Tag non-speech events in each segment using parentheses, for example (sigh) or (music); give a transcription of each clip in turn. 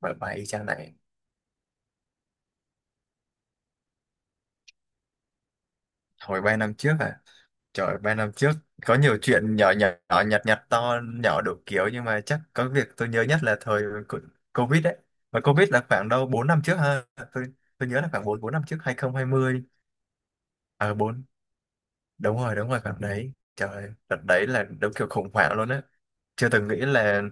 Bài bài y chang này. Hồi 3 năm trước à? Trời, 3 năm trước có nhiều chuyện nhỏ nhỏ nhỏ nhặt nhặt, to nhỏ đủ kiểu, nhưng mà chắc có việc tôi nhớ nhất là thời Covid đấy. Và Covid là khoảng đâu 4 năm trước ha. Tôi tôi nhớ là khoảng 4 4 năm trước, 2020. Ờ à, 4. Đúng rồi, đúng rồi, khoảng đấy. Trời, đợt đấy là đúng kiểu khủng hoảng luôn á. Chưa từng nghĩ là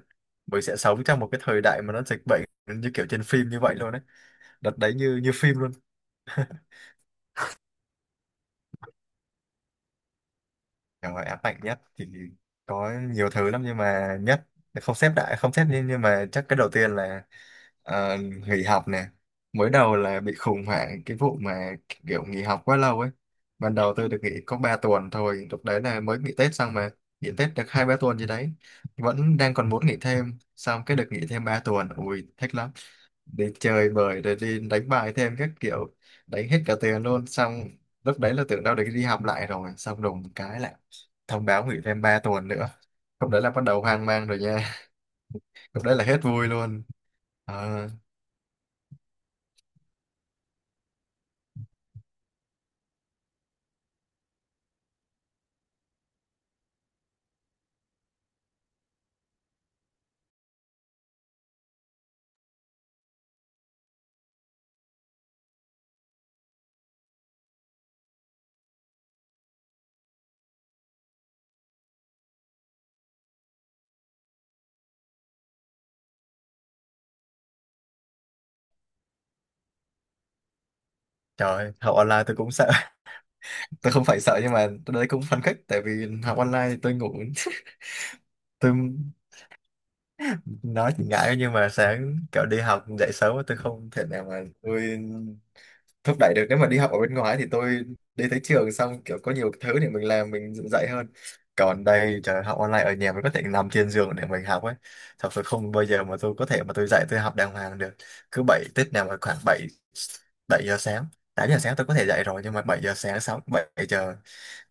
mình sẽ sống trong một cái thời đại mà nó dịch bệnh như kiểu trên phim như vậy luôn đấy. Đợt đấy như như phim luôn. Chẳng gọi ám ảnh nhất thì có nhiều thứ lắm, nhưng mà nhất không xếp, đại không xếp, nhưng mà chắc cái đầu tiên là ờ, nghỉ học nè. Mới đầu là bị khủng hoảng cái vụ mà kiểu nghỉ học quá lâu ấy. Ban đầu tôi được nghỉ có 3 tuần thôi, lúc đấy là mới nghỉ Tết xong mà, nghỉ Tết được 2 3 tuần gì đấy, vẫn đang còn muốn nghỉ thêm, xong cái được nghỉ thêm 3 tuần, ui thích lắm, đi chơi bời rồi đi đánh bài thêm các kiểu, đánh hết cả tiền luôn. Xong lúc đấy là tưởng đâu được đi học lại rồi, xong đùng một cái lại thông báo nghỉ thêm 3 tuần nữa. Lúc đấy là bắt đầu hoang mang rồi nha. (laughs) Lúc đấy là hết vui luôn. Ờ, trời học online tôi cũng sợ. (laughs) Tôi không phải sợ, nhưng mà tôi đấy cũng phấn khích, tại vì học online thì tôi ngủ. (laughs) Tôi nói thì ngại, nhưng mà sáng kiểu đi học dậy sớm tôi không thể nào mà tôi thúc đẩy được. Nếu mà đi học ở bên ngoài thì tôi đi tới trường xong kiểu có nhiều thứ để mình làm, mình dạy dạy hơn. Còn đây trời học online ở nhà mình có thể nằm trên giường để mình học ấy, thật sự không bao giờ mà tôi có thể mà tôi dạy tôi học đàng hoàng được. Cứ bảy Tết nào mà khoảng bảy bảy giờ sáng, 8 giờ sáng tôi có thể dạy rồi, nhưng mà 7 giờ sáng, 6 7 giờ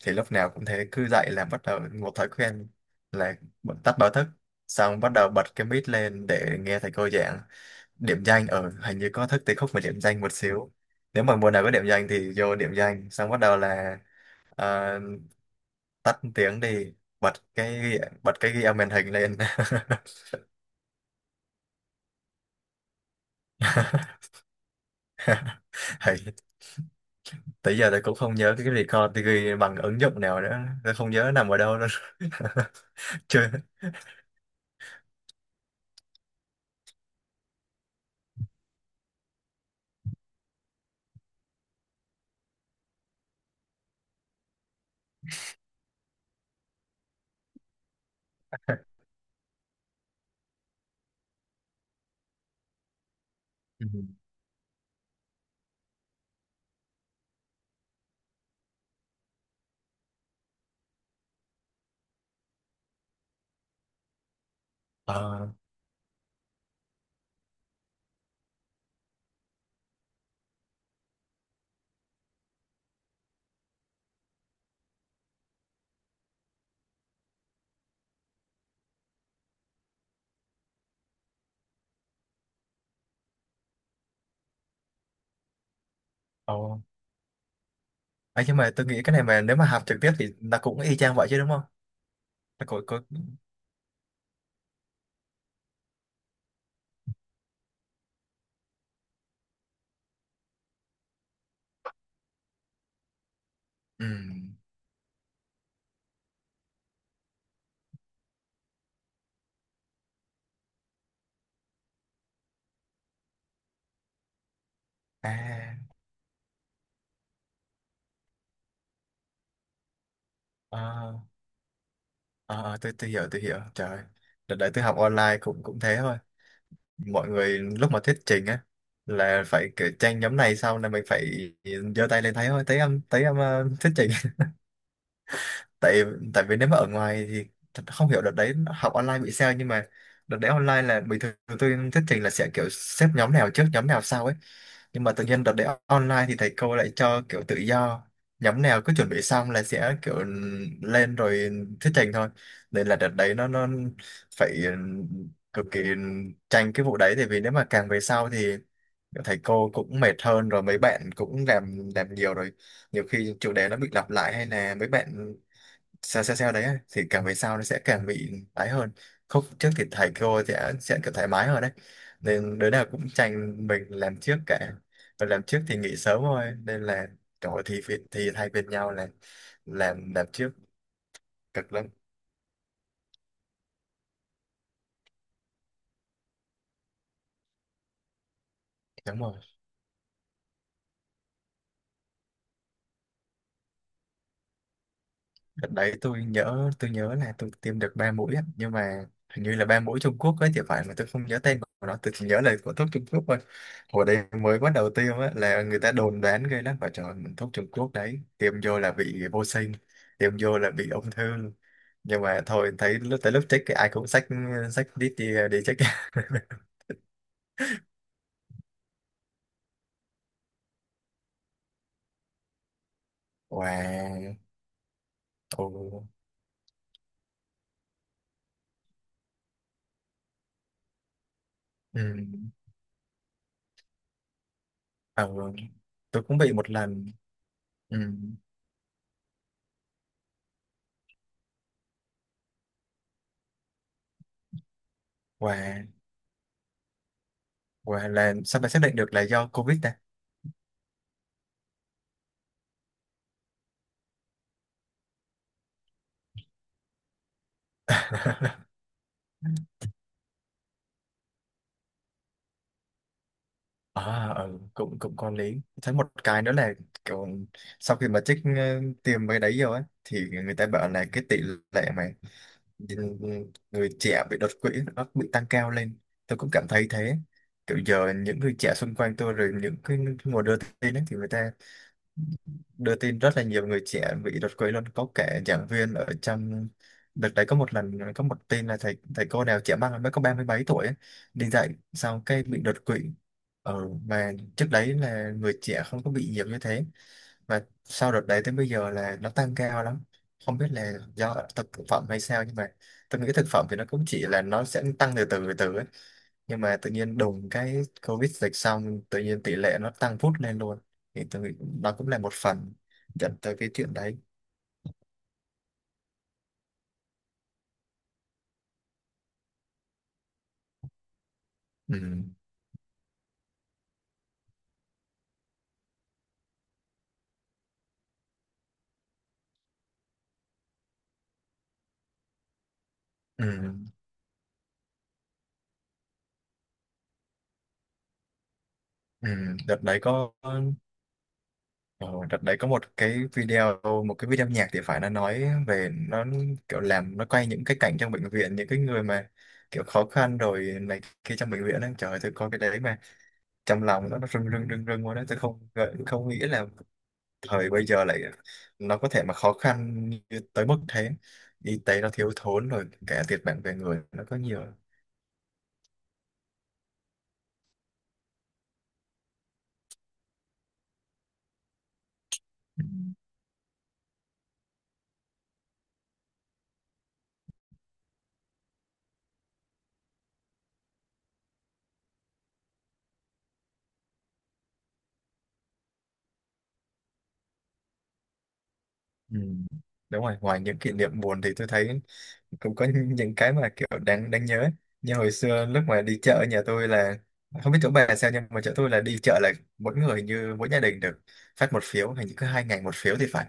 thì lúc nào cũng thế. Cứ dậy là bắt đầu một thói quen là tắt báo thức, xong bắt đầu bật cái mic lên để nghe thầy cô giảng, điểm danh ở hình như có thức tí khúc mà điểm danh một xíu. Nếu mà mùa nào có điểm danh thì vô điểm danh, xong bắt đầu là ờ, tắt tiếng đi, bật cái ghi âm màn hình lên. (laughs) Hay, tới giờ tôi cũng không nhớ cái record tôi ghi bằng ứng dụng nào nữa, tôi không nhớ nằm ở đâu luôn. (laughs) Chưa. Ừ. Ờ. Ồ. Ấy, nhưng mà tôi nghĩ cái này mà nếu mà học trực tiếp thì nó cũng y chang vậy chứ đúng không? Nó cũng có. Ừ. À. Ờ. Ờ, ờ, tôi hiểu, tôi hiểu. Trời ơi, đợt đấy tôi học online cũng cũng thế thôi. Mọi người lúc mà thuyết trình á là phải kiểu tranh, nhóm này xong là mình phải giơ tay lên, thấy thôi thấy em thấy em, ờ, thuyết trình. Tại, tại vì nếu mà ở ngoài thì thật không hiểu đợt đấy học online bị sao, nhưng mà đợt đấy online là bình thường tôi thuyết trình là sẽ kiểu xếp nhóm nào trước nhóm nào sau ấy. Nhưng mà tự nhiên đợt đấy online thì thầy cô lại cho kiểu tự do, nhóm nào cứ chuẩn bị xong là sẽ kiểu lên rồi thuyết trình thôi. Nên là đợt đấy nó phải ừ, cực kỳ tranh cái vụ đấy, tại vì nếu mà càng về sau thì thầy cô cũng mệt hơn rồi, mấy bạn cũng làm nhiều rồi, nhiều khi chủ đề nó bị lặp lại hay là mấy bạn sao sao sao đấy ấy, thì càng về sau nó sẽ càng bị tái hơn. Khúc trước thì thầy cô sẽ kiểu thoải mái hơn đấy, nên đứa nào cũng tranh mình làm trước cả, và làm trước thì nghỉ sớm thôi, nên là trời ơi, thì thay phiên nhau là làm trước. Cực lắm. Đúng rồi. Đợt đấy tôi nhớ, tôi nhớ là tôi tiêm được 3 mũi á, nhưng mà hình như là 3 mũi Trung Quốc ấy thì phải, mà tôi không nhớ tên của nó, tôi chỉ nhớ là của thuốc Trung Quốc thôi. Hồi đấy mới bắt đầu tiêm á, là người ta đồn đoán ghê lắm. Và trời, thuốc Trung Quốc đấy tiêm vô là bị vô sinh, tiêm vô là bị ung thư, nhưng mà thôi thấy lúc tới lúc check thì ai cũng xách, xách đít đi đi check. (laughs) Wow. Ồ. Ừ. Ờ, tôi cũng bị một lần. Ừ. Wow, wow là sao mà xác định được là do Covid ta? (laughs) À ừ, cũng cũng có lý. Thấy một cái nữa là kiểu sau khi mà trích ờ, tiền mấy đấy rồi ấy, thì người ta bảo là cái tỷ lệ mà người trẻ bị đột quỵ nó bị tăng cao lên. Tôi cũng cảm thấy thế, kiểu giờ những người trẻ xung quanh tôi rồi những cái nguồn đưa tin ấy, thì người ta đưa tin rất là nhiều người trẻ bị đột quỵ luôn. Có kẻ giảng viên ở trong đợt đấy có một lần có một tin là thầy thầy cô nào trẻ măng mới có 30 mấy tuổi ấy, đi dạy xong cái bị đột quỵ. Ở mà trước đấy là người trẻ không có bị nhiều như thế, và sau đợt đấy tới bây giờ là nó tăng cao lắm, không biết là do thực thực phẩm hay sao, nhưng mà tôi nghĩ thực phẩm thì nó cũng chỉ là nó sẽ tăng từ từ từ từ ấy, nhưng mà tự nhiên đùng cái Covid dịch xong tự nhiên tỷ lệ nó tăng vút lên luôn, thì tôi nghĩ nó cũng là một phần dẫn tới cái chuyện đấy. Ừ. Ừ. Ừ. Đợt đấy có ờ, đợt đấy có một cái video, một cái video nhạc thì phải, nó nói về nó kiểu làm, nó quay những cái cảnh trong bệnh viện, những cái người mà kiểu khó khăn rồi này kia trong bệnh viện ấy. Trời ơi, tôi coi cái đấy mà trong lòng nó rưng rưng rưng rưng luôn đấy. Tôi không nghĩ là thời bây giờ lại nó có thể mà khó khăn như tới mức thế, y tế nó thiếu thốn rồi cả thiệt mạng về người nó có nhiều. Ừ. Đúng rồi, ngoài những kỷ niệm buồn thì tôi thấy cũng có những cái mà kiểu đáng đáng nhớ ấy. Như hồi xưa lúc mà đi chợ ở nhà tôi là không biết chỗ bà sao, nhưng mà chỗ tôi là đi chợ là mỗi người, như mỗi gia đình được phát một phiếu, hình như cứ 2 ngày một phiếu thì phải,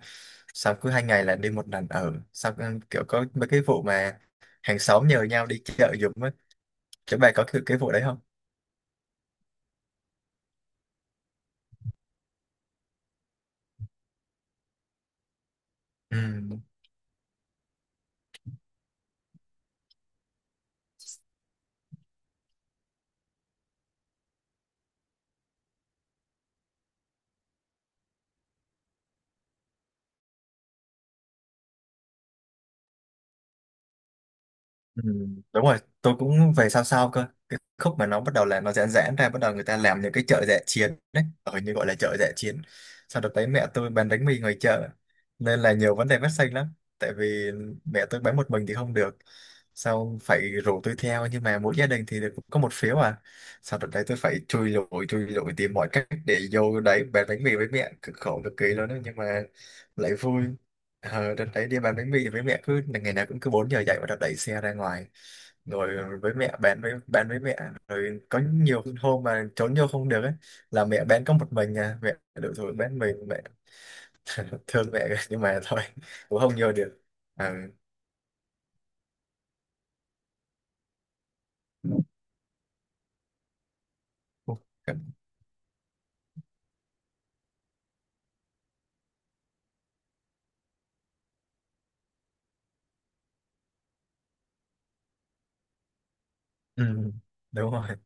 sau cứ 2 ngày là đi một lần. Ở sau kiểu có mấy cái vụ mà hàng xóm nhờ nhau đi chợ giùm á, chỗ bà có cái vụ đấy không? Ừ, ừ, đúng rồi, tôi cũng về sao sao cơ cái khúc mà nó bắt đầu là nó giãn giãn ra, bắt đầu người ta làm những cái chợ dã chiến đấy, ở như gọi là chợ dã chiến. Sau đó tới mẹ tôi bán bánh mì ngoài chợ nên là nhiều vấn đề phát sinh lắm, tại vì mẹ tôi bán một mình thì không được, sau phải rủ tôi theo, nhưng mà mỗi gia đình thì được có một phiếu à. Sau đó đấy tôi phải chui lủi tìm mọi cách để vô đấy bán bánh mì với mẹ, cực khổ cực kỳ luôn đó, nhưng mà lại vui. Ờ, đợt đấy đi bán bánh mì với mẹ cứ ngày nào cũng cứ 4 giờ dậy, và đợt đẩy xe ra ngoài rồi với mẹ bán, với bán với mẹ, rồi có nhiều hôm mà trốn vô không được ấy là mẹ bán có một mình à, mẹ đủ rồi bán mình mẹ. (laughs) Thương mẹ rồi, nhưng mà thôi cũng không vô được. Ờ. Ừ. Đúng rồi.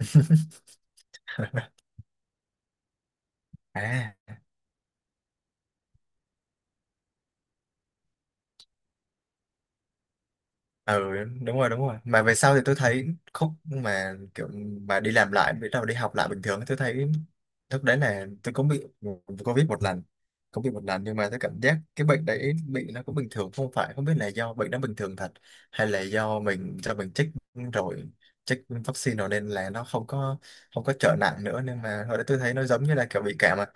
(laughs) À ừ, đúng rồi, đúng rồi. Mà về sau thì tôi thấy khúc mà kiểu mà đi làm lại, bắt đầu đi học lại bình thường, tôi thấy lúc đấy là tôi cũng bị Covid một lần, cũng bị một lần, nhưng mà tôi cảm giác cái bệnh đấy bị nó cũng bình thường, không phải, không biết là do bệnh nó bình thường thật, hay là do mình, do mình chích rồi, chích vaccine rồi nên là nó không có, không có trở nặng nữa, nên mà hồi đấy tôi thấy nó giống như là kiểu bị cảm à.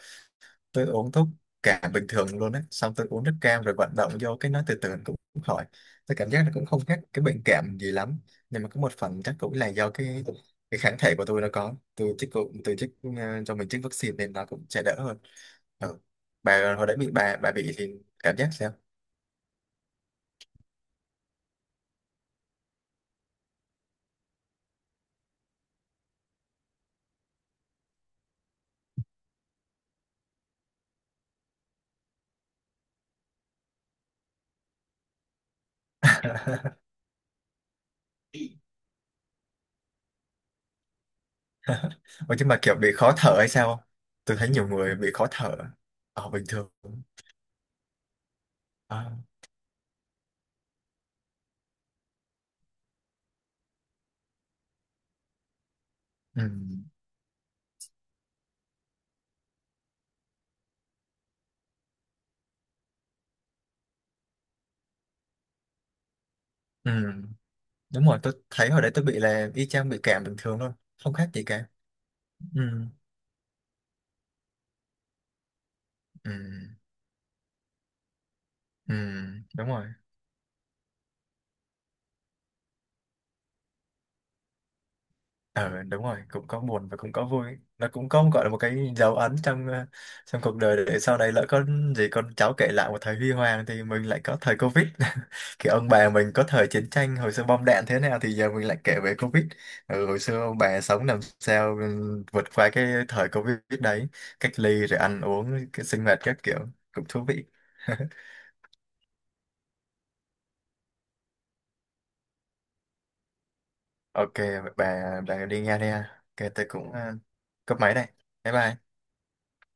Tôi uống thuốc cả bình thường luôn á, xong tôi uống nước cam rồi vận động vô cái nó từ từ cũng cũng khỏi. Tôi cảm giác nó cũng không khác cái bệnh cảm gì lắm, nhưng mà có một phần chắc cũng là do cái kháng thể của tôi nó có, tôi chích cũng tôi chích ờ, cho mình chích vaccine nên nó cũng sẽ đỡ hơn. Ừ. Bà hồi đấy bị, bà bị thì cảm giác sao? Ôi, nhưng mà kiểu bị khó thở hay sao không? Tôi thấy nhiều người bị khó thở. Ở bình thường à, ừ. Ừ. Đúng rồi, tôi thấy hồi đấy tôi bị là y chang bị cảm bình thường luôn, không khác gì cả. Ừ. Ừ, ừ, đúng rồi. Ờ đúng rồi, cũng có buồn và cũng có vui, nó cũng có gọi là một cái dấu ấn trong ờ, trong cuộc đời, để sau này lỡ có gì con cháu kể lại một thời huy hoàng thì mình lại có thời Covid, (laughs) kiểu ông bà mình có thời chiến tranh hồi xưa bom đạn thế nào thì giờ mình lại kể về Covid. Ừ, hồi xưa ông bà sống làm sao, ừ, vượt qua cái thời Covid đấy, cách ly rồi ăn uống cái sinh hoạt các kiểu, cũng thú vị. (laughs) OK, bà đi nghe đi ha, OK tôi cũng ờ, cúp máy đây. Bye bye.